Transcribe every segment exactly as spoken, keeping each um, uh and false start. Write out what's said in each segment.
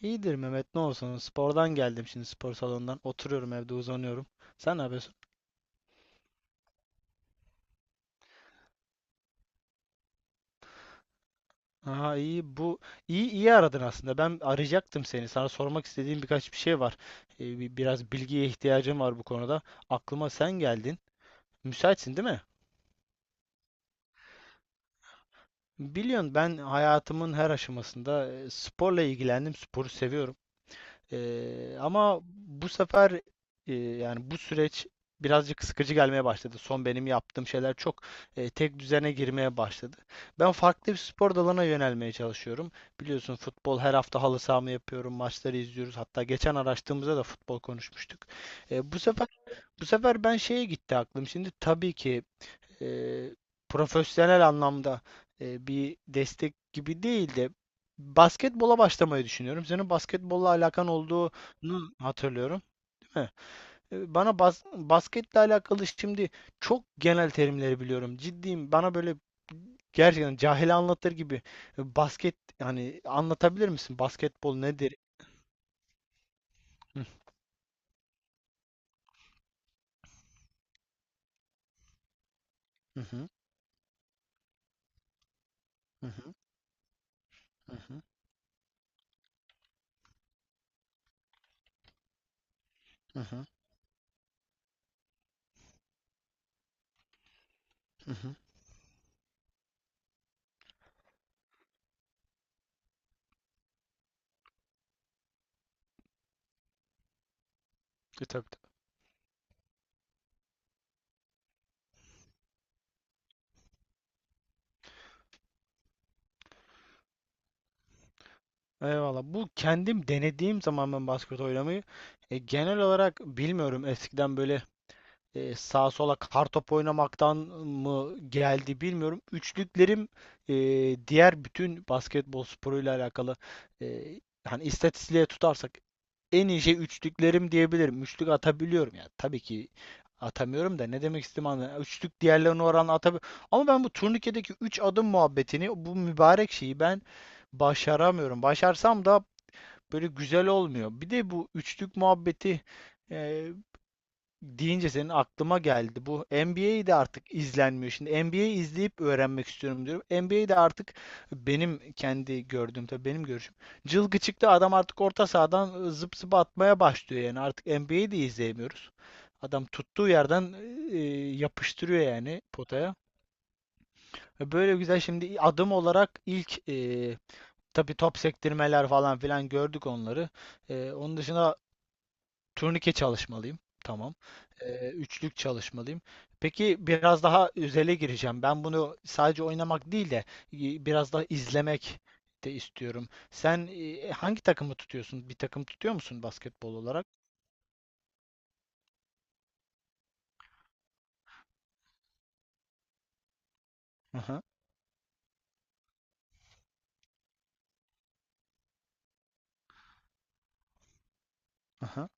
İyidir Mehmet, ne olsun, spordan geldim şimdi, spor salonundan, oturuyorum evde, uzanıyorum. Sen ne yapıyorsun? Aha, iyi, bu iyi iyi aradın aslında, ben arayacaktım seni, sana sormak istediğim birkaç bir şey var. Ee, bi- biraz bilgiye ihtiyacım var bu konuda, aklıma sen geldin, müsaitsin değil mi? Biliyorsun, ben hayatımın her aşamasında e, sporla ilgilendim, sporu seviyorum. Ee, ama bu sefer, e, yani bu süreç birazcık sıkıcı gelmeye başladı. Son benim yaptığım şeyler çok e, tek düzene girmeye başladı. Ben farklı bir spor dalına yönelmeye çalışıyorum. Biliyorsun, futbol her hafta halı sahamı yapıyorum, maçları izliyoruz. Hatta geçen araştığımızda da futbol konuşmuştuk. E, bu sefer bu sefer ben şeye gitti aklım. Şimdi tabii ki e, profesyonel anlamda, e, bir destek gibi değil de, basketbola başlamayı düşünüyorum. Senin basketbolla alakan olduğunu hatırlıyorum, değil mi? E, Bana bas basketle alakalı şimdi, çok genel terimleri biliyorum. Ciddiyim. Bana böyle gerçekten cahil anlatır gibi, e, basket yani anlatabilir misin? Basketbol nedir? Hı hı, hı hı, hı hı, hı hı. Hı. E, tabii. Eyvallah. Bu kendim denediğim zaman ben basket oynamayı e, genel olarak bilmiyorum, eskiden böyle e, sağa sola kartop oynamaktan mı geldi bilmiyorum. Üçlüklerim, e, diğer bütün basketbol sporuyla alakalı, e, hani istatistiğe tutarsak en iyi şey üçlüklerim diyebilirim. Üçlük atabiliyorum yani. Tabii ki atamıyorum da, ne demek istediğimi anlıyorum. Üçlük diğerlerine oranla atabiliyorum. Ama ben bu turnikedeki üç adım muhabbetini, bu mübarek şeyi ben başaramıyorum. Başarsam da böyle güzel olmuyor. Bir de bu üçlük muhabbeti e, deyince senin aklıma geldi. Bu N B A'yi de artık izlenmiyor. Şimdi N B A'yi izleyip öğrenmek istiyorum diyorum. N B A'de artık, benim kendi gördüğüm tabii, benim görüşüm. Cılgı çıktı adam, artık orta sahadan ıı, zıp zıp atmaya başlıyor yani. Artık N B A'yi de izleyemiyoruz. Adam tuttuğu yerden e, yapıştırıyor yani potaya. Böyle güzel, şimdi adım olarak ilk, e, tabii top sektirmeler falan filan gördük onları. E, onun dışında turnike çalışmalıyım. Tamam. Ee, üçlük çalışmalıyım. Peki biraz daha özele gireceğim. Ben bunu sadece oynamak değil de, e, biraz daha izlemek de istiyorum. Sen e, hangi takımı tutuyorsun? Bir takım tutuyor musun basketbol olarak? Aha, aha,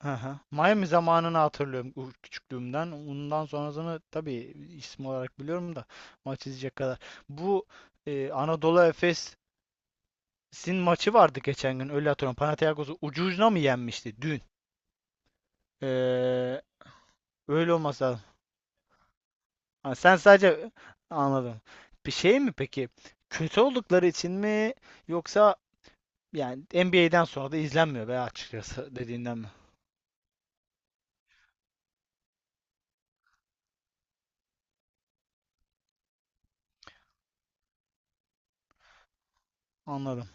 aha. Miami zamanını hatırlıyorum, u- küçüklüğümden. Ondan sonrasını tabii isim olarak biliyorum da, maç izleyecek kadar. Bu e, Anadolu Efes'in maçı vardı geçen gün. Öyle hatırlıyorum. Panathinaikos'u ucu ucuna mı yenmişti dün? Ee, öyle olması lazım. Ha, sen sadece, anladım. Bir şey mi peki? Kötü oldukları için mi, yoksa yani N B A'den sonra da izlenmiyor be açıkçası dediğinden mi? Anladım.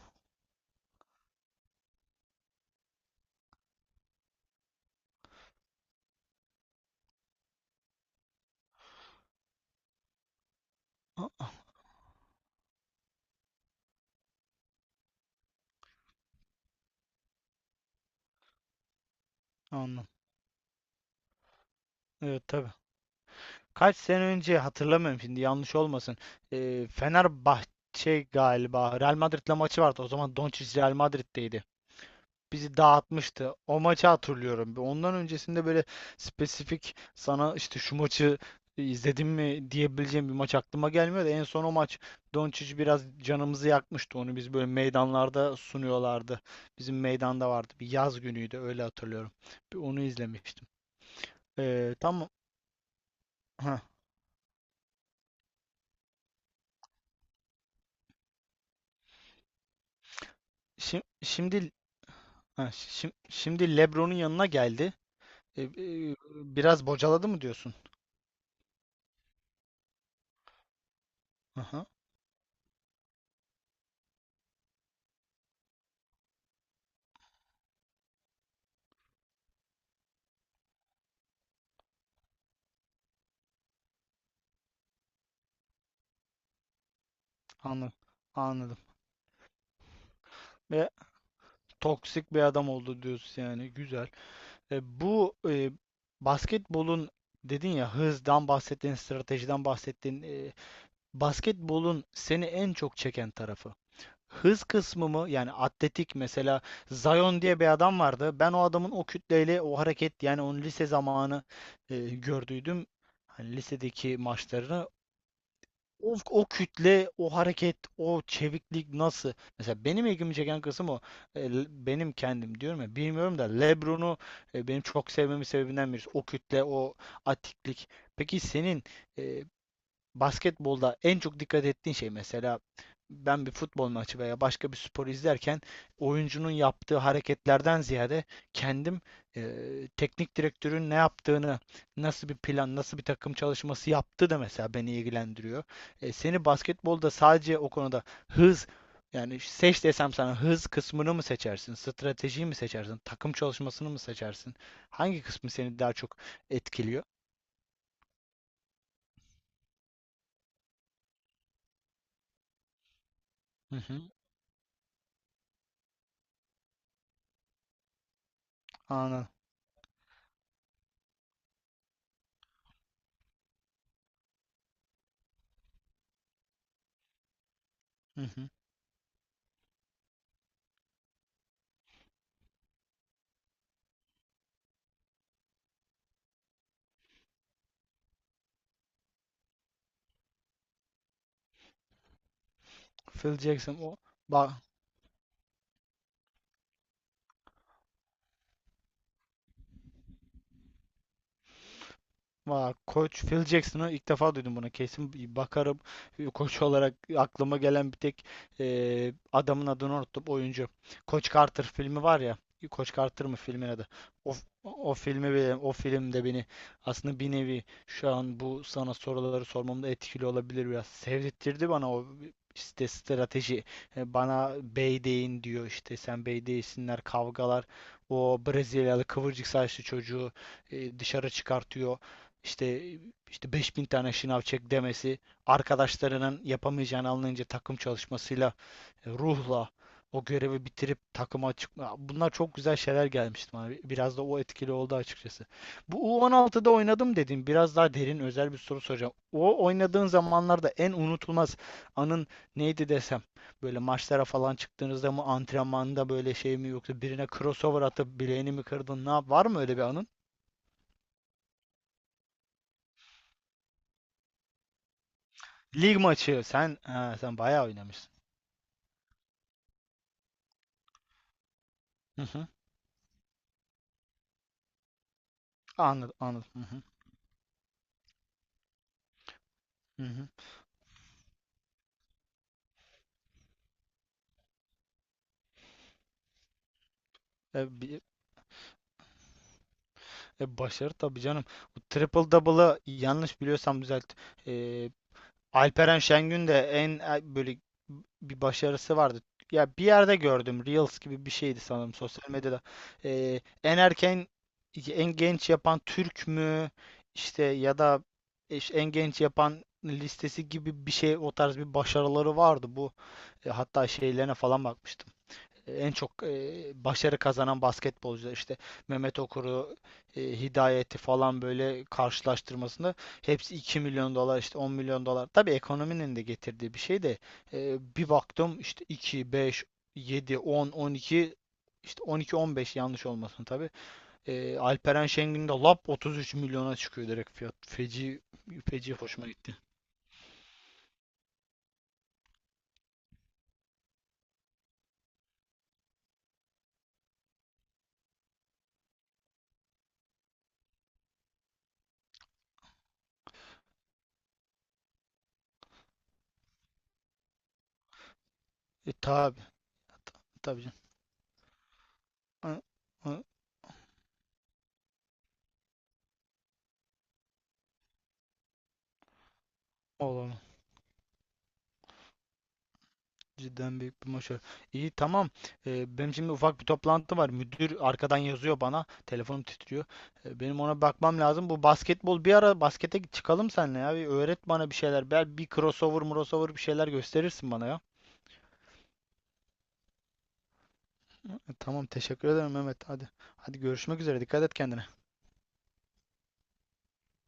A- Anladım. Evet, tabii. Kaç sene önce hatırlamıyorum şimdi, yanlış olmasın. Ee, Fenerbahçe galiba Real Madrid'le maçı vardı. O zaman Doncic Real Madrid'deydi. Bizi dağıtmıştı. O maçı hatırlıyorum. Ondan öncesinde böyle spesifik sana işte şu maçı izledim mi diyebileceğim bir maç aklıma gelmiyor da, en son o maç Doncic biraz canımızı yakmıştı. Onu biz böyle meydanlarda sunuyorlardı. Bizim meydanda vardı. Bir yaz günüydü, öyle hatırlıyorum. Bir onu izlemiştim. Ee, tam ha, şi- şimdi ha, şim- şimdi LeBron'un yanına geldi. Ee, e, biraz bocaladı mı diyorsun? Aha, anladım. Anladım. Ee, Toksik bir adam oldu diyorsun yani. Güzel. E, bu, e, basketbolun dedin ya, hızdan bahsettin, stratejiden bahsettin. E, basketbolun seni en çok çeken tarafı. Hız kısmı mı? Yani atletik mesela, Zion diye bir adam vardı. Ben o adamın o kütleyle, o hareket yani onun lise zamanı e, gördüydüm. Hani lisedeki maçlarını, o, o kütle, o hareket, o çeviklik nasıl? Mesela benim ilgimi çeken kısım o. E, l- benim kendim diyorum ya bilmiyorum da, LeBron'u e, benim çok sevmemin sebebinden birisi. O kütle, o atiklik. Peki senin e, basketbolda en çok dikkat ettiğin şey mesela, ben bir futbol maçı veya başka bir spor izlerken, oyuncunun yaptığı hareketlerden ziyade, kendim e, teknik direktörün ne yaptığını, nasıl bir plan, nasıl bir takım çalışması yaptığı da mesela beni ilgilendiriyor. E, seni basketbolda sadece o konuda, hız yani seç desem sana, hız kısmını mı seçersin, stratejiyi mi seçersin, takım çalışmasını mı seçersin? Hangi kısmı seni daha çok etkiliyor? Hı hı, anladım. Hı hı. Phil Jackson o. Bak, vay, Koç Phil Jackson'ı ilk defa duydum bunu. Kesin bir bakarım. Koç olarak aklıma gelen bir tek, e, adamın adını unuttum. Oyuncu. Koç Carter filmi var ya. Koç Carter mı filmin adı? O, o filmi bile, o filmde beni aslında bir nevi, şu an bu sana soruları sormamda etkili olabilir biraz. Sevdirtti bana o, işte strateji. E, Bana bey deyin diyor işte, sen bey değilsinler, kavgalar. O Brezilyalı kıvırcık saçlı çocuğu e, dışarı çıkartıyor, işte işte beş bin tane şınav çek demesi, arkadaşlarının yapamayacağını anlayınca takım çalışmasıyla, e, ruhla o görevi bitirip takıma çıkma. Bunlar çok güzel şeyler gelmişti bana. Biraz da o etkili oldu açıkçası. Bu U on altıda oynadım dedim. Biraz daha derin, özel bir soru soracağım. O oynadığın zamanlarda en unutulmaz anın neydi desem? Böyle maçlara falan çıktığınızda mı, antrenmanda böyle şey mi, yoksa birine crossover atıp bileğini mi kırdın? Ne yap- Var mı öyle bir anın? Lig maçı. Sen ha, sen bayağı oynamışsın. Hı hı. Anladım, anladım. Hı hı. Hı hı. E, bir- e, başarı tabii canım. Bu triple double'ı yanlış biliyorsam düzelt. E, Alperen Şengün de en, e, böyle bir başarısı vardı. Ya bir yerde gördüm. Reels gibi bir şeydi sanırım, sosyal medyada. E, en erken, en genç yapan Türk mü işte, ya da işte en genç yapan listesi gibi bir şey, o tarz bir başarıları vardı bu. E, hatta şeylerine falan bakmıştım. En çok e, başarı kazanan basketbolcular işte, Mehmet Okur'u, e, Hidayet'i falan böyle karşılaştırmasında, hepsi iki milyon dolar, işte on milyon dolar. Tabii ekonominin de getirdiği bir şey de, e, bir baktım işte iki, beş, yedi, on, on iki, işte on iki, on beş, yanlış olmasın tabii. E, Alperen Şengün de lap otuz üç milyona çıkıyor direkt fiyat. Feci, feci hoşuma gitti. E, tabii, tabii canım. Hı, hı. Olur. Cidden büyük bir başarı. İyi, tamam. Ee, benim şimdi ufak bir toplantı var. Müdür arkadan yazıyor bana. Telefonum titriyor. Ee, benim ona bakmam lazım. Bu basketbol, bir ara baskete çıkalım seninle ya. Bir öğret bana bir şeyler. Bel bir crossover, crossover bir şeyler gösterirsin bana ya. Ee, Tamam, teşekkür ederim Mehmet. Hadi. Hadi görüşmek üzere. Dikkat et kendine.